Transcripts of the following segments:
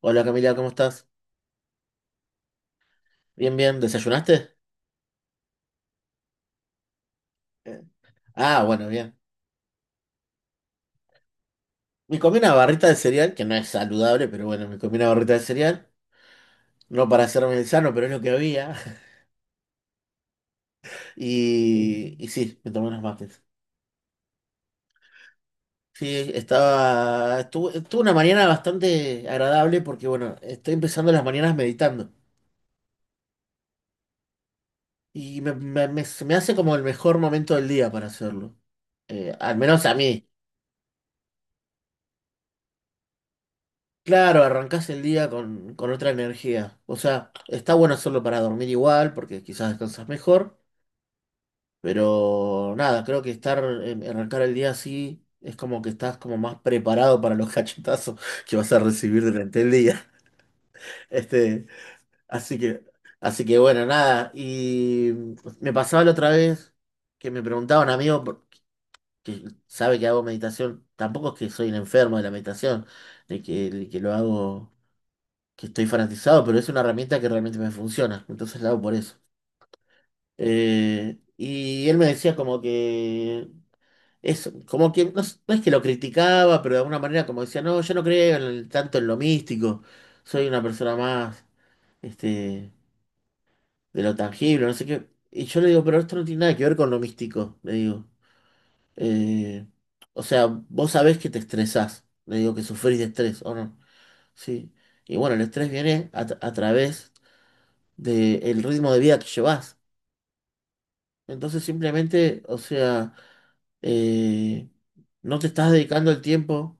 Hola Camila, ¿cómo estás? Bien, bien. ¿Desayunaste? Eh, Ah, bueno, bien. Me comí una barrita de cereal, que no es saludable, pero bueno, me comí una barrita de cereal. No para hacerme el sano, pero es lo que había. Y sí, me tomé unos mates. Sí, tuve una mañana bastante agradable porque, bueno, estoy empezando las mañanas meditando. Y se me hace como el mejor momento del día para hacerlo. Al menos a mí. Claro, arrancás el día con otra energía. O sea, está bueno hacerlo para dormir igual, porque quizás descansas mejor, pero nada, creo que arrancar el día así es como que estás como más preparado para los cachetazos que vas a recibir durante el día. Este, así que, así que bueno, nada. Y me pasaba la otra vez que me preguntaba un amigo que sabe que hago meditación. Tampoco es que soy un enfermo de la meditación, de que lo hago, que estoy fanatizado, pero es una herramienta que realmente me funciona, entonces la hago por eso. Y él me decía como que eso, como que no, es no es que lo criticaba, pero de alguna manera como decía, no, yo no creo en tanto en lo místico, soy una persona más este, de lo tangible, no sé qué. Y yo le digo, pero esto no tiene nada que ver con lo místico, le digo. Eh, o sea, vos sabés que te estresás, le digo que sufrís de estrés, ¿o no? Sí. Y bueno, el estrés viene a través del ritmo de vida que llevas. Entonces simplemente, o sea, eh, no te estás dedicando el tiempo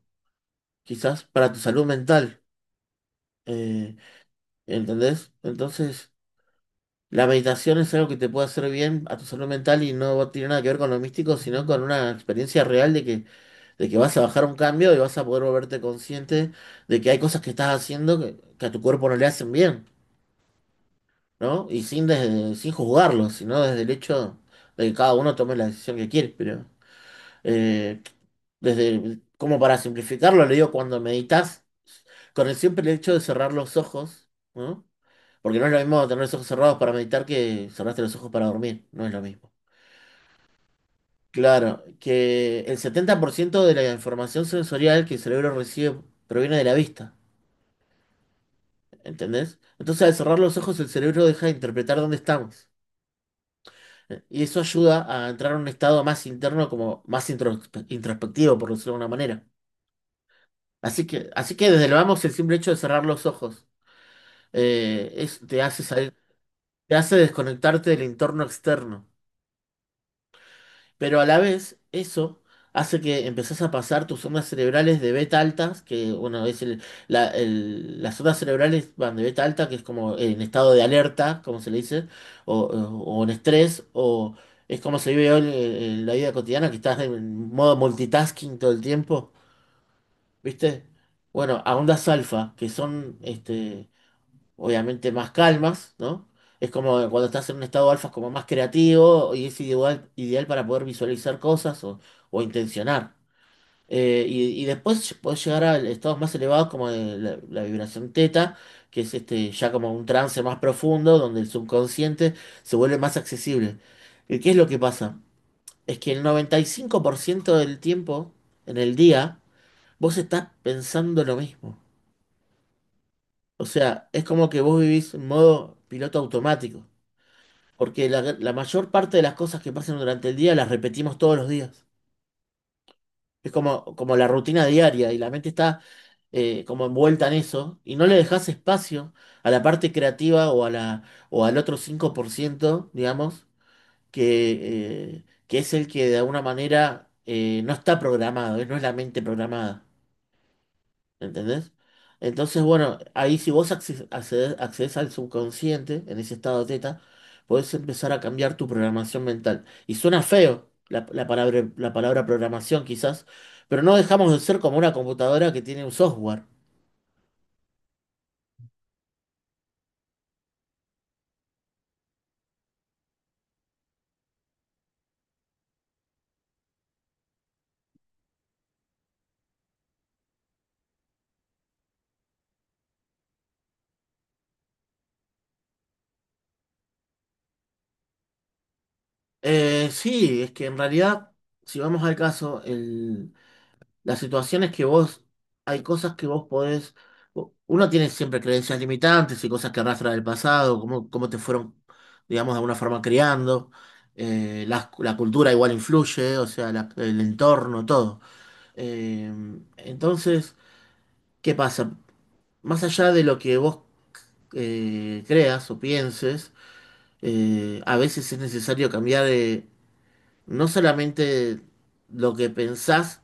quizás para tu salud mental, eh, ¿entendés? Entonces, la meditación es algo que te puede hacer bien a tu salud mental y no tiene nada que ver con lo místico, sino con una experiencia real de que vas a bajar un cambio y vas a poder volverte consciente de que hay cosas que estás haciendo que a tu cuerpo no le hacen bien, ¿no? Y sin juzgarlo, sino desde el hecho de que cada uno tome la decisión que quiere. Pero eh, como para simplificarlo, le digo cuando meditas, con el simple hecho de cerrar los ojos, ¿no? Porque no es lo mismo tener los ojos cerrados para meditar que cerraste los ojos para dormir, no es lo mismo. Claro, que el 70% de la información sensorial que el cerebro recibe proviene de la vista, ¿entendés? Entonces al cerrar los ojos el cerebro deja de interpretar dónde estamos. Y eso ayuda a entrar a un estado más interno, como más introspectivo, por decirlo de alguna manera. Así que desde el vamos, el simple hecho de cerrar los ojos te hace salir, te hace desconectarte del entorno externo. Pero a la vez, eso hace que empezás a pasar tus ondas cerebrales de beta altas, que bueno, es el, la- el- las ondas cerebrales van de beta alta, que es como en estado de alerta, como se le dice, o en estrés, o es como se vive hoy en la vida cotidiana, que estás en modo multitasking todo el tiempo, ¿viste? Bueno, a ondas alfa, que son obviamente más calmas, ¿no? Es como que cuando estás en un estado alfa es como más creativo y es ideal, ideal para poder visualizar cosas o, intencionar. Y después podés llegar a estados más elevados como de la vibración teta, que es ya como un trance más profundo donde el subconsciente se vuelve más accesible. ¿Y qué es lo que pasa? Es que el 95% del tiempo en el día vos estás pensando lo mismo. O sea, es como que vos vivís en modo piloto automático. Porque la mayor parte de las cosas que pasan durante el día las repetimos todos los días. Es como, como la rutina diaria y la mente está como envuelta en eso y no le dejas espacio a la parte creativa o al otro 5% digamos, que es el que de alguna manera no está programado, no es la mente programada. ¿Entendés? Entonces, bueno, ahí si vos accedes al subconsciente, en ese estado teta, podés empezar a cambiar tu programación mental. Y suena feo la palabra programación quizás, pero no dejamos de ser como una computadora que tiene un software. Sí, es que en realidad, si vamos al caso, la situación es que vos, hay cosas que vos podés, uno tiene siempre creencias limitantes y cosas que arrastra del pasado, cómo te fueron, digamos, de alguna forma criando. La cultura igual influye, o sea, el entorno, todo. Eh, entonces, ¿qué pasa? Más allá de lo que vos creas o pienses, a veces es necesario cambiar de no solamente lo que pensás,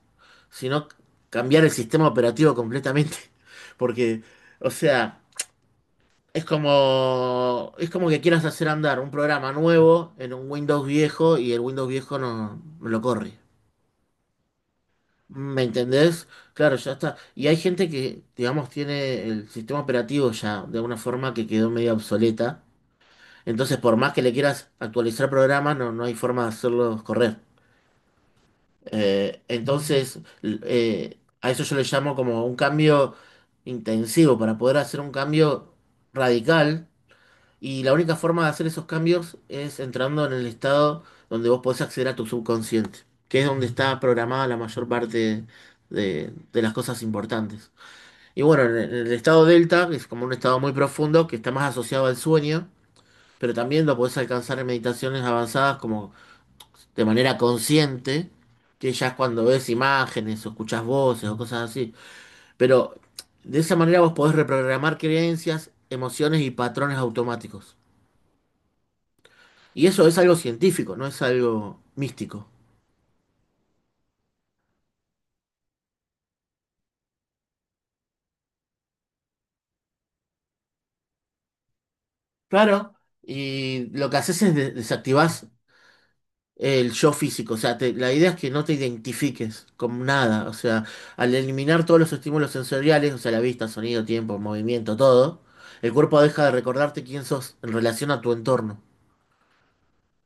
sino cambiar el sistema operativo completamente. Porque, o sea, es como que quieras hacer andar un programa nuevo en un Windows viejo y el Windows viejo no, no lo corre. ¿Me entendés? Claro, ya está. Y hay gente que, digamos, tiene el sistema operativo ya de una forma que quedó medio obsoleta. Entonces, por más que le quieras actualizar programas, no, no hay forma de hacerlos correr. Entonces, a eso yo le llamo como un cambio intensivo, para poder hacer un cambio radical. Y la única forma de hacer esos cambios es entrando en el estado donde vos podés acceder a tu subconsciente, que es donde está programada la mayor parte de las cosas importantes. Y bueno, en el estado delta, que es como un estado muy profundo, que está más asociado al sueño, pero también lo podés alcanzar en meditaciones avanzadas como de manera consciente, que ya es cuando ves imágenes o escuchas voces o cosas así. Pero de esa manera vos podés reprogramar creencias, emociones y patrones automáticos. Y eso es algo científico, no es algo místico. Claro, y lo que haces es desactivás el yo físico, o sea, la idea es que no te identifiques con nada, o sea, al eliminar todos los estímulos sensoriales, o sea, la vista, sonido, tiempo, movimiento, todo, el cuerpo deja de recordarte quién sos en relación a tu entorno.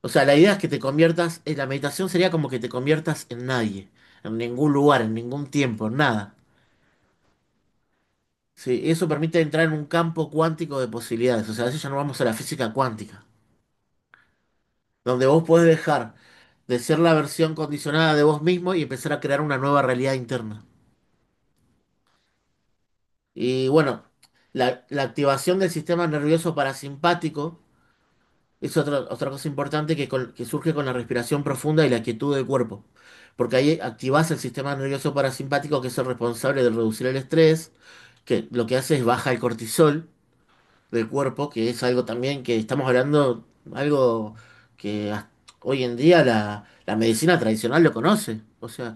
O sea, la idea es que te conviertas, la meditación sería como que te conviertas en nadie, en ningún lugar, en ningún tiempo, en nada. Sí, eso permite entrar en un campo cuántico de posibilidades. O sea, a veces ya no vamos a la física cuántica, donde vos podés dejar de ser la versión condicionada de vos mismo y empezar a crear una nueva realidad interna. Y bueno, la activación del sistema nervioso parasimpático. Es otra cosa importante que, que surge con la respiración profunda y la quietud del cuerpo, porque ahí activás el sistema nervioso parasimpático que es el responsable de reducir el estrés, que lo que hace es baja el cortisol del cuerpo, que es algo también que estamos hablando, algo que hasta hoy en día la medicina tradicional lo conoce, o sea,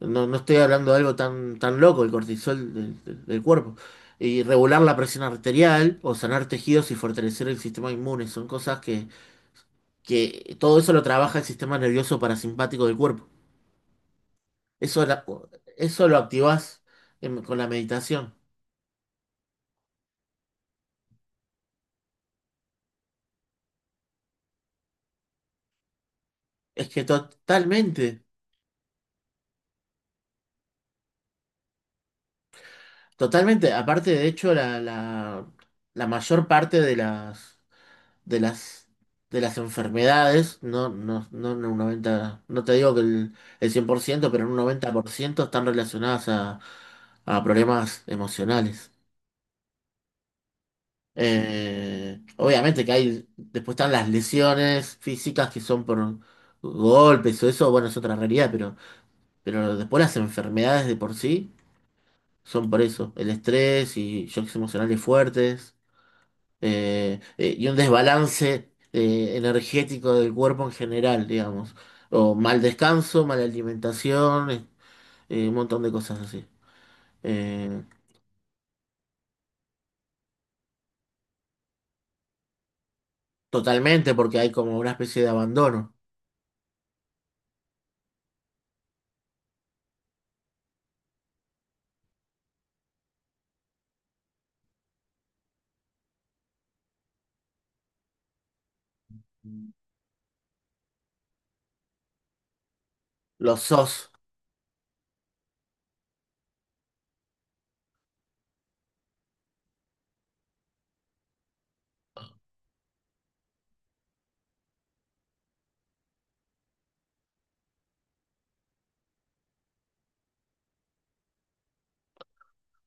no, no estoy hablando de algo tan, tan loco, el cortisol del cuerpo. Y regular la presión arterial o sanar tejidos y fortalecer el sistema inmune son cosas que todo eso lo trabaja el sistema nervioso parasimpático del cuerpo. Eso, eso lo activás con la meditación. Es que totalmente, totalmente. Aparte, de hecho, la mayor parte de de las, las enfermedades, no, no, no en un 90 no te digo que el 100% pero en un 90% están relacionadas a problemas emocionales. Obviamente que hay, después están las lesiones físicas que son por golpes o eso, bueno, es otra realidad, pero después las enfermedades de por sí son por eso, el estrés y shocks emocionales fuertes y un desbalance energético del cuerpo en general, digamos, o mal descanso, mala alimentación, un montón de cosas así. Eh, Totalmente porque hay como una especie de abandono. Lo sos.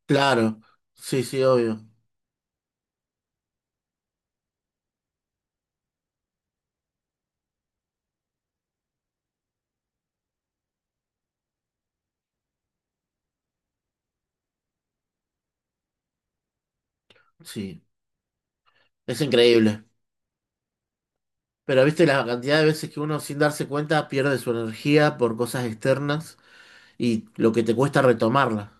Claro, sí, sí, obvio. Sí, es increíble. Pero viste la cantidad de veces que uno sin darse cuenta pierde su energía por cosas externas y lo que te cuesta retomarla.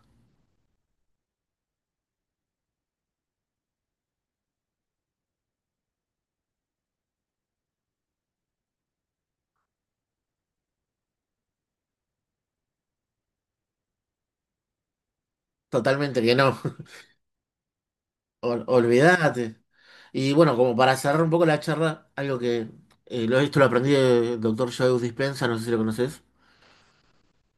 Totalmente que no. Olvídate. Y bueno, como para cerrar un poco la charla, algo que esto lo aprendí del doctor Joe Dispenza, no sé si lo conoces.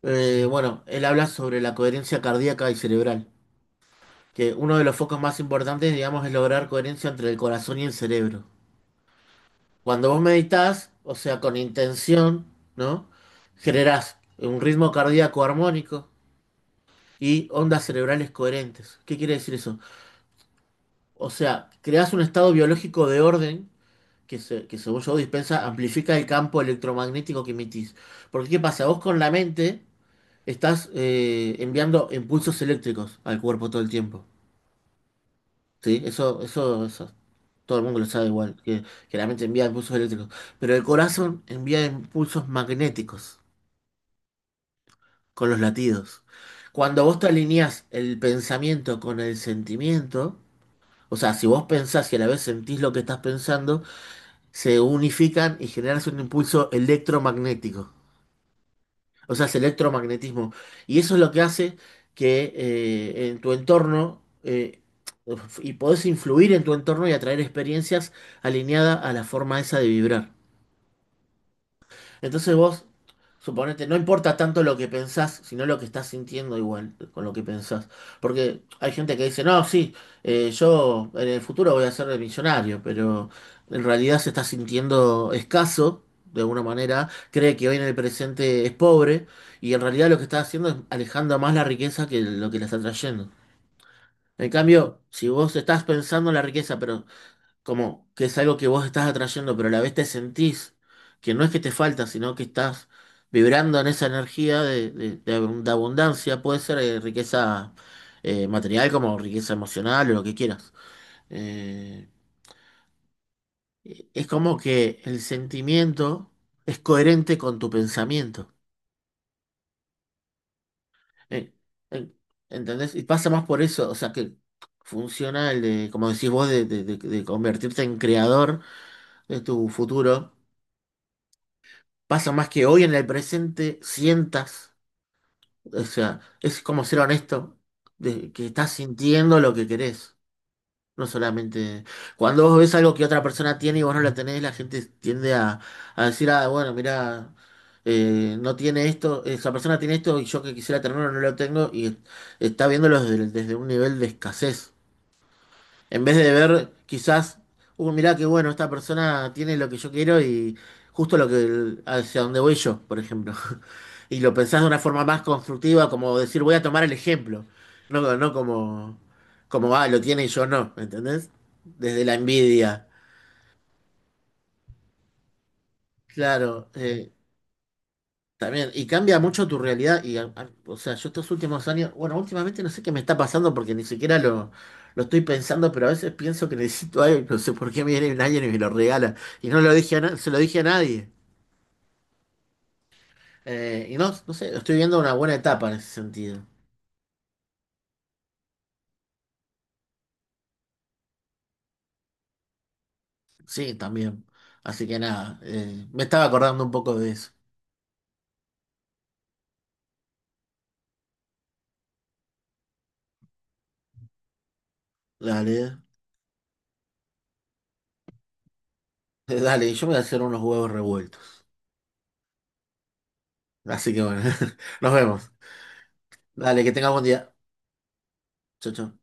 Bueno, él habla sobre la coherencia cardíaca y cerebral, que uno de los focos más importantes, digamos, es lograr coherencia entre el corazón y el cerebro. Cuando vos meditas, o sea, con intención, ¿no? Generás un ritmo cardíaco armónico y ondas cerebrales coherentes. ¿Qué quiere decir eso? O sea, creás un estado biológico de orden que según Joe Dispensa, amplifica el campo electromagnético que emitís. Porque ¿qué pasa? Vos con la mente estás enviando impulsos eléctricos al cuerpo todo el tiempo. ¿Sí? Eso, todo el mundo lo sabe igual, que la mente envía impulsos eléctricos. Pero el corazón envía impulsos magnéticos con los latidos. Cuando vos te alineás el pensamiento con el sentimiento, o sea, si vos pensás y a la vez sentís lo que estás pensando, se unifican y generas un impulso electromagnético. O sea, es electromagnetismo. Y eso es lo que hace que en tu entorno, y podés influir en tu entorno y atraer experiencias alineadas a la forma esa de vibrar. Entonces vos, suponete, no importa tanto lo que pensás, sino lo que estás sintiendo igual con lo que pensás. Porque hay gente que dice, no, sí, yo en el futuro voy a ser millonario, pero en realidad se está sintiendo escaso, de alguna manera, cree que hoy en el presente es pobre, y en realidad lo que está haciendo es alejando más la riqueza que lo que le está trayendo. En cambio, si vos estás pensando en la riqueza, pero como que es algo que vos estás atrayendo, pero a la vez te sentís que no es que te falta, sino que estás vibrando en esa energía de abundancia, puede ser riqueza material como riqueza emocional o lo que quieras. Eh, es como que el sentimiento es coherente con tu pensamiento. Eh, eh, ¿Entendés? Y pasa más por eso, o sea que funciona el de, como decís vos, de convertirte en creador de tu futuro, pasa más que hoy en el presente sientas, o sea, es como ser honesto, de que estás sintiendo lo que querés. No solamente cuando vos ves algo que otra persona tiene y vos no la tenés, la gente tiende a decir, ah, bueno, mira, no tiene esto, esa persona tiene esto y yo que quisiera tenerlo no lo tengo y está viéndolo desde, desde un nivel de escasez. En vez de ver quizás, mirá qué bueno, esta persona tiene lo que yo quiero y justo lo que hacia donde voy yo, por ejemplo, y lo pensás de una forma más constructiva, como decir, voy a tomar el ejemplo, no, no como, como, ah, lo tiene y yo no, ¿entendés? Desde la envidia, claro, también, y cambia mucho tu realidad, y, o sea, yo estos últimos años, bueno, últimamente no sé qué me está pasando porque ni siquiera lo estoy pensando, pero a veces pienso que necesito algo, y no sé por qué me viene alguien y me lo regala, y no lo dije a na- se lo dije a nadie. Y no, no sé, estoy viendo una buena etapa en ese sentido. Sí, también. Así que nada, me estaba acordando un poco de eso. Dale, dale, yo me voy a hacer unos huevos revueltos. Así que bueno, nos vemos. Dale, que tengas buen día. Chau, chau.